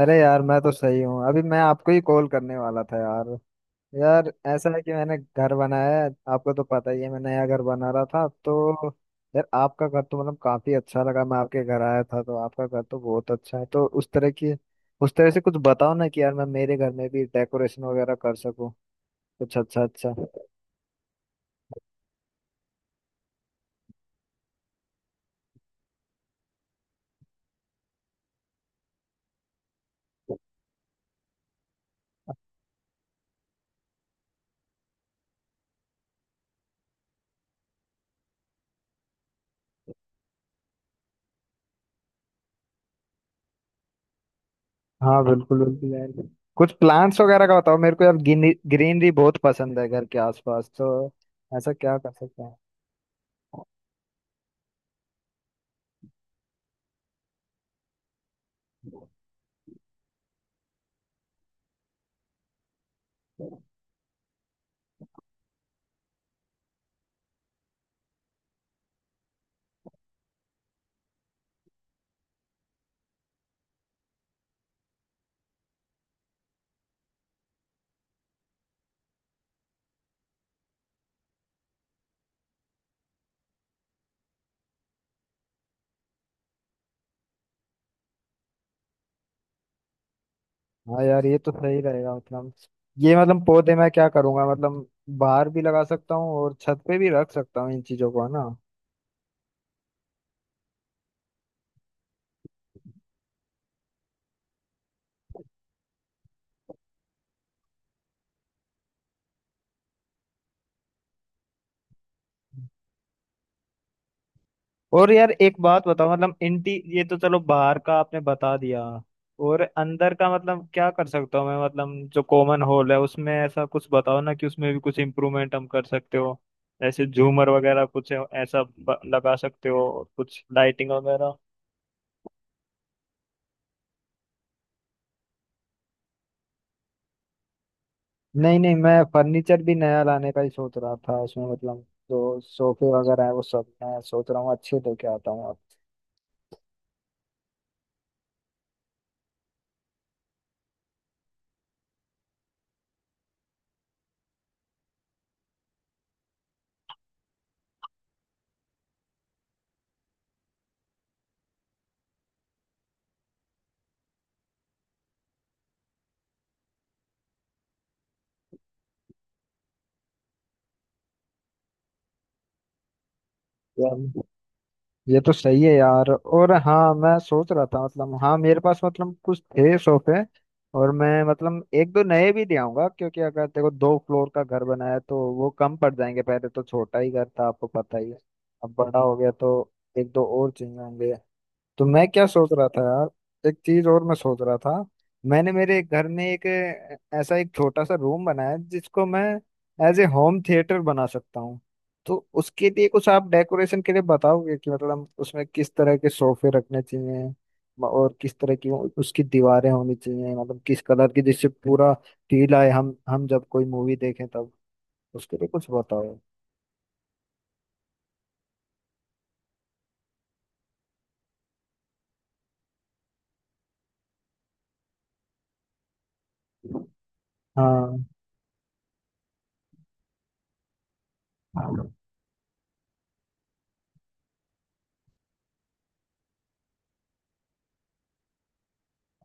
अरे यार मैं तो सही हूँ। अभी मैं आपको ही कॉल करने वाला था यार। यार ऐसा है कि मैंने घर बनाया है। आपको तो पता ही है मैं नया घर बना रहा था तो यार आपका घर तो मतलब काफी अच्छा लगा। मैं आपके घर आया था तो आपका घर तो बहुत अच्छा है। तो उस तरह की उस तरह से कुछ बताओ ना कि यार मैं मेरे घर में भी डेकोरेशन वगैरह कर सकूँ। कुछ अच्छा अच्छा। हाँ बिल्कुल बिल्कुल यार। कुछ प्लांट्स वगैरह का बताओ मेरे को यार। ग्रीनरी बहुत पसंद है घर के आसपास तो। ऐसा क्या कर सकते हैं? हाँ यार ये तो सही रहेगा मतलब। ये मतलब पौधे मैं क्या करूंगा मतलब बाहर भी लगा सकता हूँ और छत पे भी रख सकता हूँ इन चीजों को, है ना? और यार एक बात बताओ मतलब इंटी, ये तो चलो बाहर का आपने बता दिया। और अंदर का मतलब क्या कर सकता हूँ मैं, मतलब जो कॉमन हॉल है उसमें ऐसा कुछ बताओ ना कि उसमें भी कुछ इम्प्रूवमेंट हम कर सकते हो। ऐसे झूमर वगैरह कुछ ऐसा ब- लगा सकते हो और कुछ लाइटिंग वगैरह। नहीं नहीं, मैं फर्नीचर भी नया लाने का ही सोच रहा था उसमें मतलब। जो सोफे वगैरह है वो सब मैं सोच रहा हूँ अच्छे लेके आता हूँ अब। यार ये तो सही है यार। और हाँ मैं सोच रहा था मतलब, हाँ मेरे पास मतलब कुछ थे सोफे। और मैं मतलब एक दो नए भी ले आऊंगा क्योंकि अगर देखो दो फ्लोर का घर बनाया है, तो वो कम पड़ जाएंगे। पहले तो छोटा ही घर था आपको पता ही है, अब बड़ा हो गया तो एक दो और चाहिए होंगे। तो मैं क्या सोच रहा था यार, एक चीज और मैं सोच रहा था, मैंने मेरे घर में एक ऐसा एक छोटा सा रूम बनाया है, जिसको मैं एज ए होम थिएटर बना सकता हूँ। तो उसके लिए कुछ आप डेकोरेशन के लिए बताओगे कि मतलब उसमें किस तरह के सोफे रखने चाहिए, म- और किस तरह की वो- उसकी दीवारें होनी चाहिए, मतलब किस कलर की जिससे पूरा फील आए हम जब कोई मूवी देखें तब। उसके लिए कुछ बताओ। हाँ।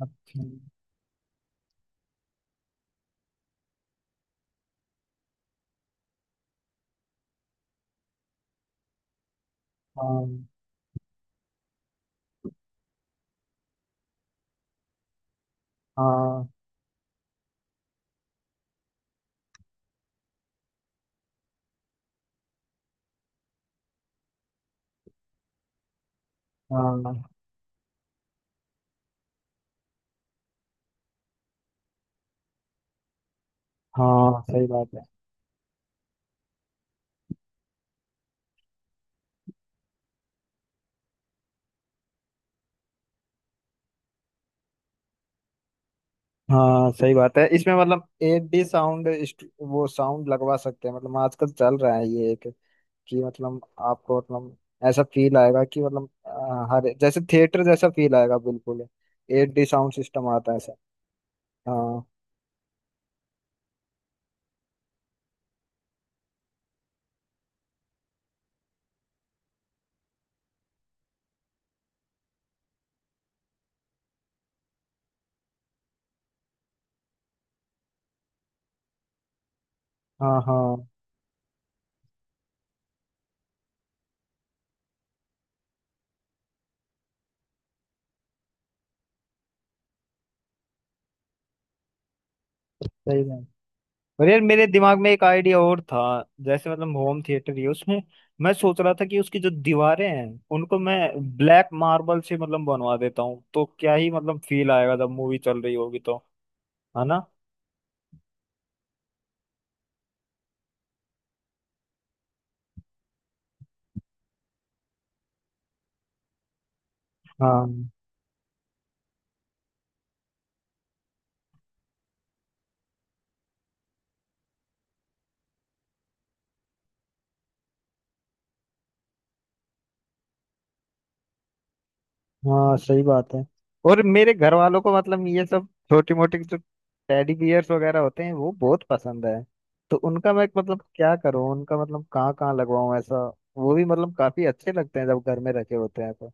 अच्छा। हाँ। हाँ। हाँ। हाँ सही बात है। हाँ सही बात है, इसमें मतलब एक भी साउंड, वो साउंड लगवा सकते हैं मतलब आजकल चल रहा है ये एक, कि मतलब आपको मतलब ऐसा फील आएगा कि मतलब हर जैसे थिएटर जैसा फील आएगा बिल्कुल। एट डी साउंड सिस्टम आता है ऐसा। हाँ। हाँ। हाँ सही बात। और यार मेरे दिमाग में एक आइडिया और था, जैसे मतलब होम थिएटर ही है, उसमें मैं सोच रहा था कि उसकी जो दीवारें हैं उनको मैं ब्लैक मार्बल से मतलब बनवा देता हूँ तो क्या ही मतलब फील आएगा जब मूवी चल रही होगी तो। है ना? हाँ। हाँ सही बात है। और मेरे घर वालों को मतलब ये सब छोटी मोटी जो टेडी बियर्स वगैरह होते हैं वो बहुत पसंद है। तो उनका मैं मतलब क्या करूँ, उनका मतलब कहाँ कहाँ लगवाऊँ ऐसा। वो भी मतलब काफी अच्छे लगते हैं जब घर में रखे होते हैं तो।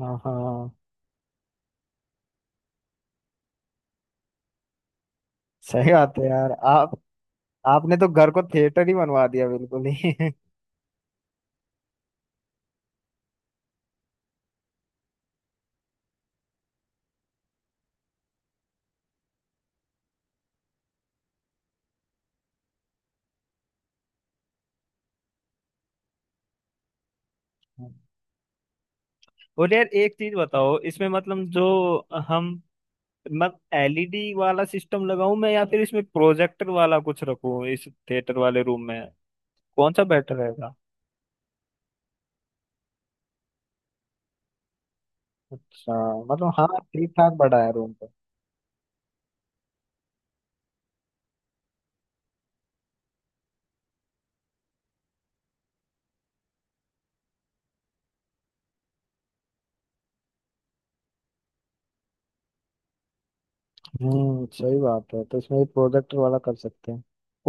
हाँ। हाँ सही बात है यार। आप, आपने तो घर को थिएटर ही बनवा दिया बिल्कुल ही। और यार एक चीज बताओ इसमें मतलब जो, हम, मैं एलईडी वाला सिस्टम लगाऊं मैं या फिर इसमें प्रोजेक्टर वाला कुछ रखूं इस थिएटर वाले रूम में? कौन सा बेटर रहेगा? अच्छा मतलब हाँ ठीक ठाक बड़ा है रूम तो। सही बात है तो इसमें प्रोजेक्ट वाला कर सकते हैं।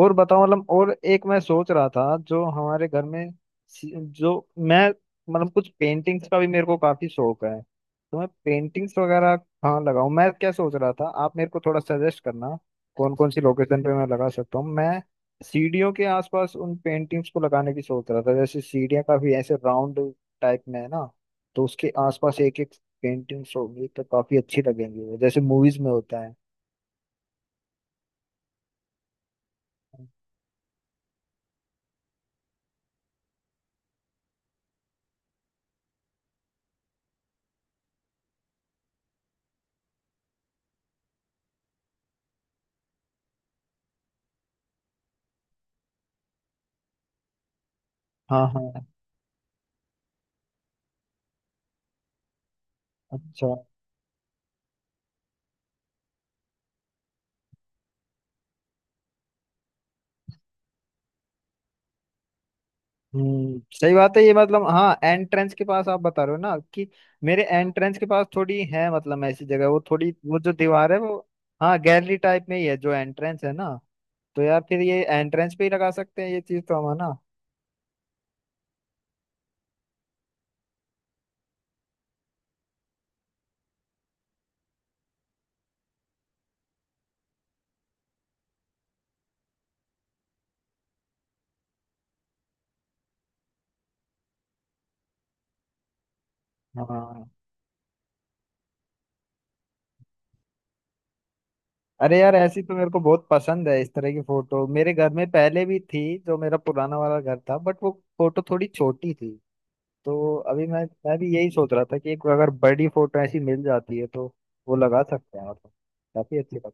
और बताओ मतलब, और एक मैं सोच रहा था जो हमारे घर में, सी- जो, मैं मतलब कुछ पेंटिंग्स का भी मेरे को काफी शौक है। तो मैं पेंटिंग्स वगैरह कहाँ लगाऊं, मैं क्या सोच रहा था आप मेरे को थोड़ा सजेस्ट करना कौन कौन सी लोकेशन पे मैं लगा सकता हूँ। मैं सीढ़ियों के आसपास उन पेंटिंग्स को लगाने की सोच रहा था, जैसे सीढ़ियाँ काफी ऐसे राउंड टाइप में है ना, तो उसके आसपास एक एक पेंटिंग्स होगी तो काफी अच्छी लगेंगी वो, जैसे मूवीज में होता है। हाँ। हाँ। अच्छा। सही बात है ये मतलब, हाँ एंट्रेंस के पास आप बता रहे हो ना कि, मेरे एंट्रेंस के पास थोड़ी है मतलब ऐसी जगह, वो थोड़ी वो जो दीवार है वो, हाँ गैलरी टाइप में ही है जो एंट्रेंस है ना। तो यार फिर ये एंट्रेंस पे ही लगा सकते हैं ये चीज तो हम, है ना? हाँ। अरे यार ऐसी तो मेरे को बहुत पसंद है, इस तरह की फोटो मेरे घर में पहले भी थी जो मेरा पुराना वाला घर था, बट वो फोटो थोड़ी छोटी थी। तो अभी मैं भी यही सोच रहा था कि एक अगर बड़ी फोटो ऐसी मिल जाती है तो वो लगा सकते हैं मतलब, काफी अच्छी बात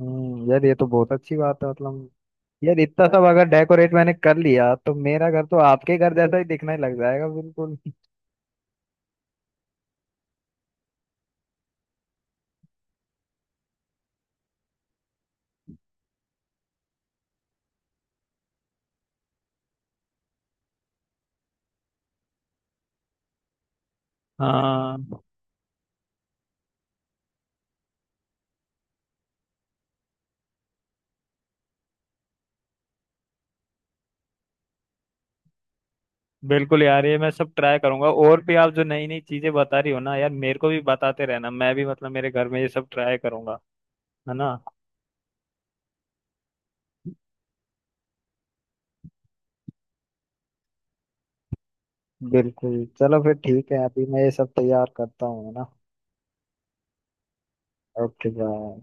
है। यार ये तो बहुत अच्छी बात है मतलब। यार इतना सब अगर डेकोरेट मैंने कर लिया तो मेरा घर तो आपके घर जैसा ही दिखने लग जाएगा बिल्कुल। हाँ बिल्कुल यार, ये मैं सब ट्राई करूंगा। और भी आप जो नई नई चीजें बता रही हो ना यार मेरे को भी बताते रहना, मैं भी मतलब मेरे घर में ये सब ट्राई करूंगा, है ना? बिल्कुल चलो फिर ठीक है, अभी मैं ये सब तैयार करता हूँ है ना। Okay bye.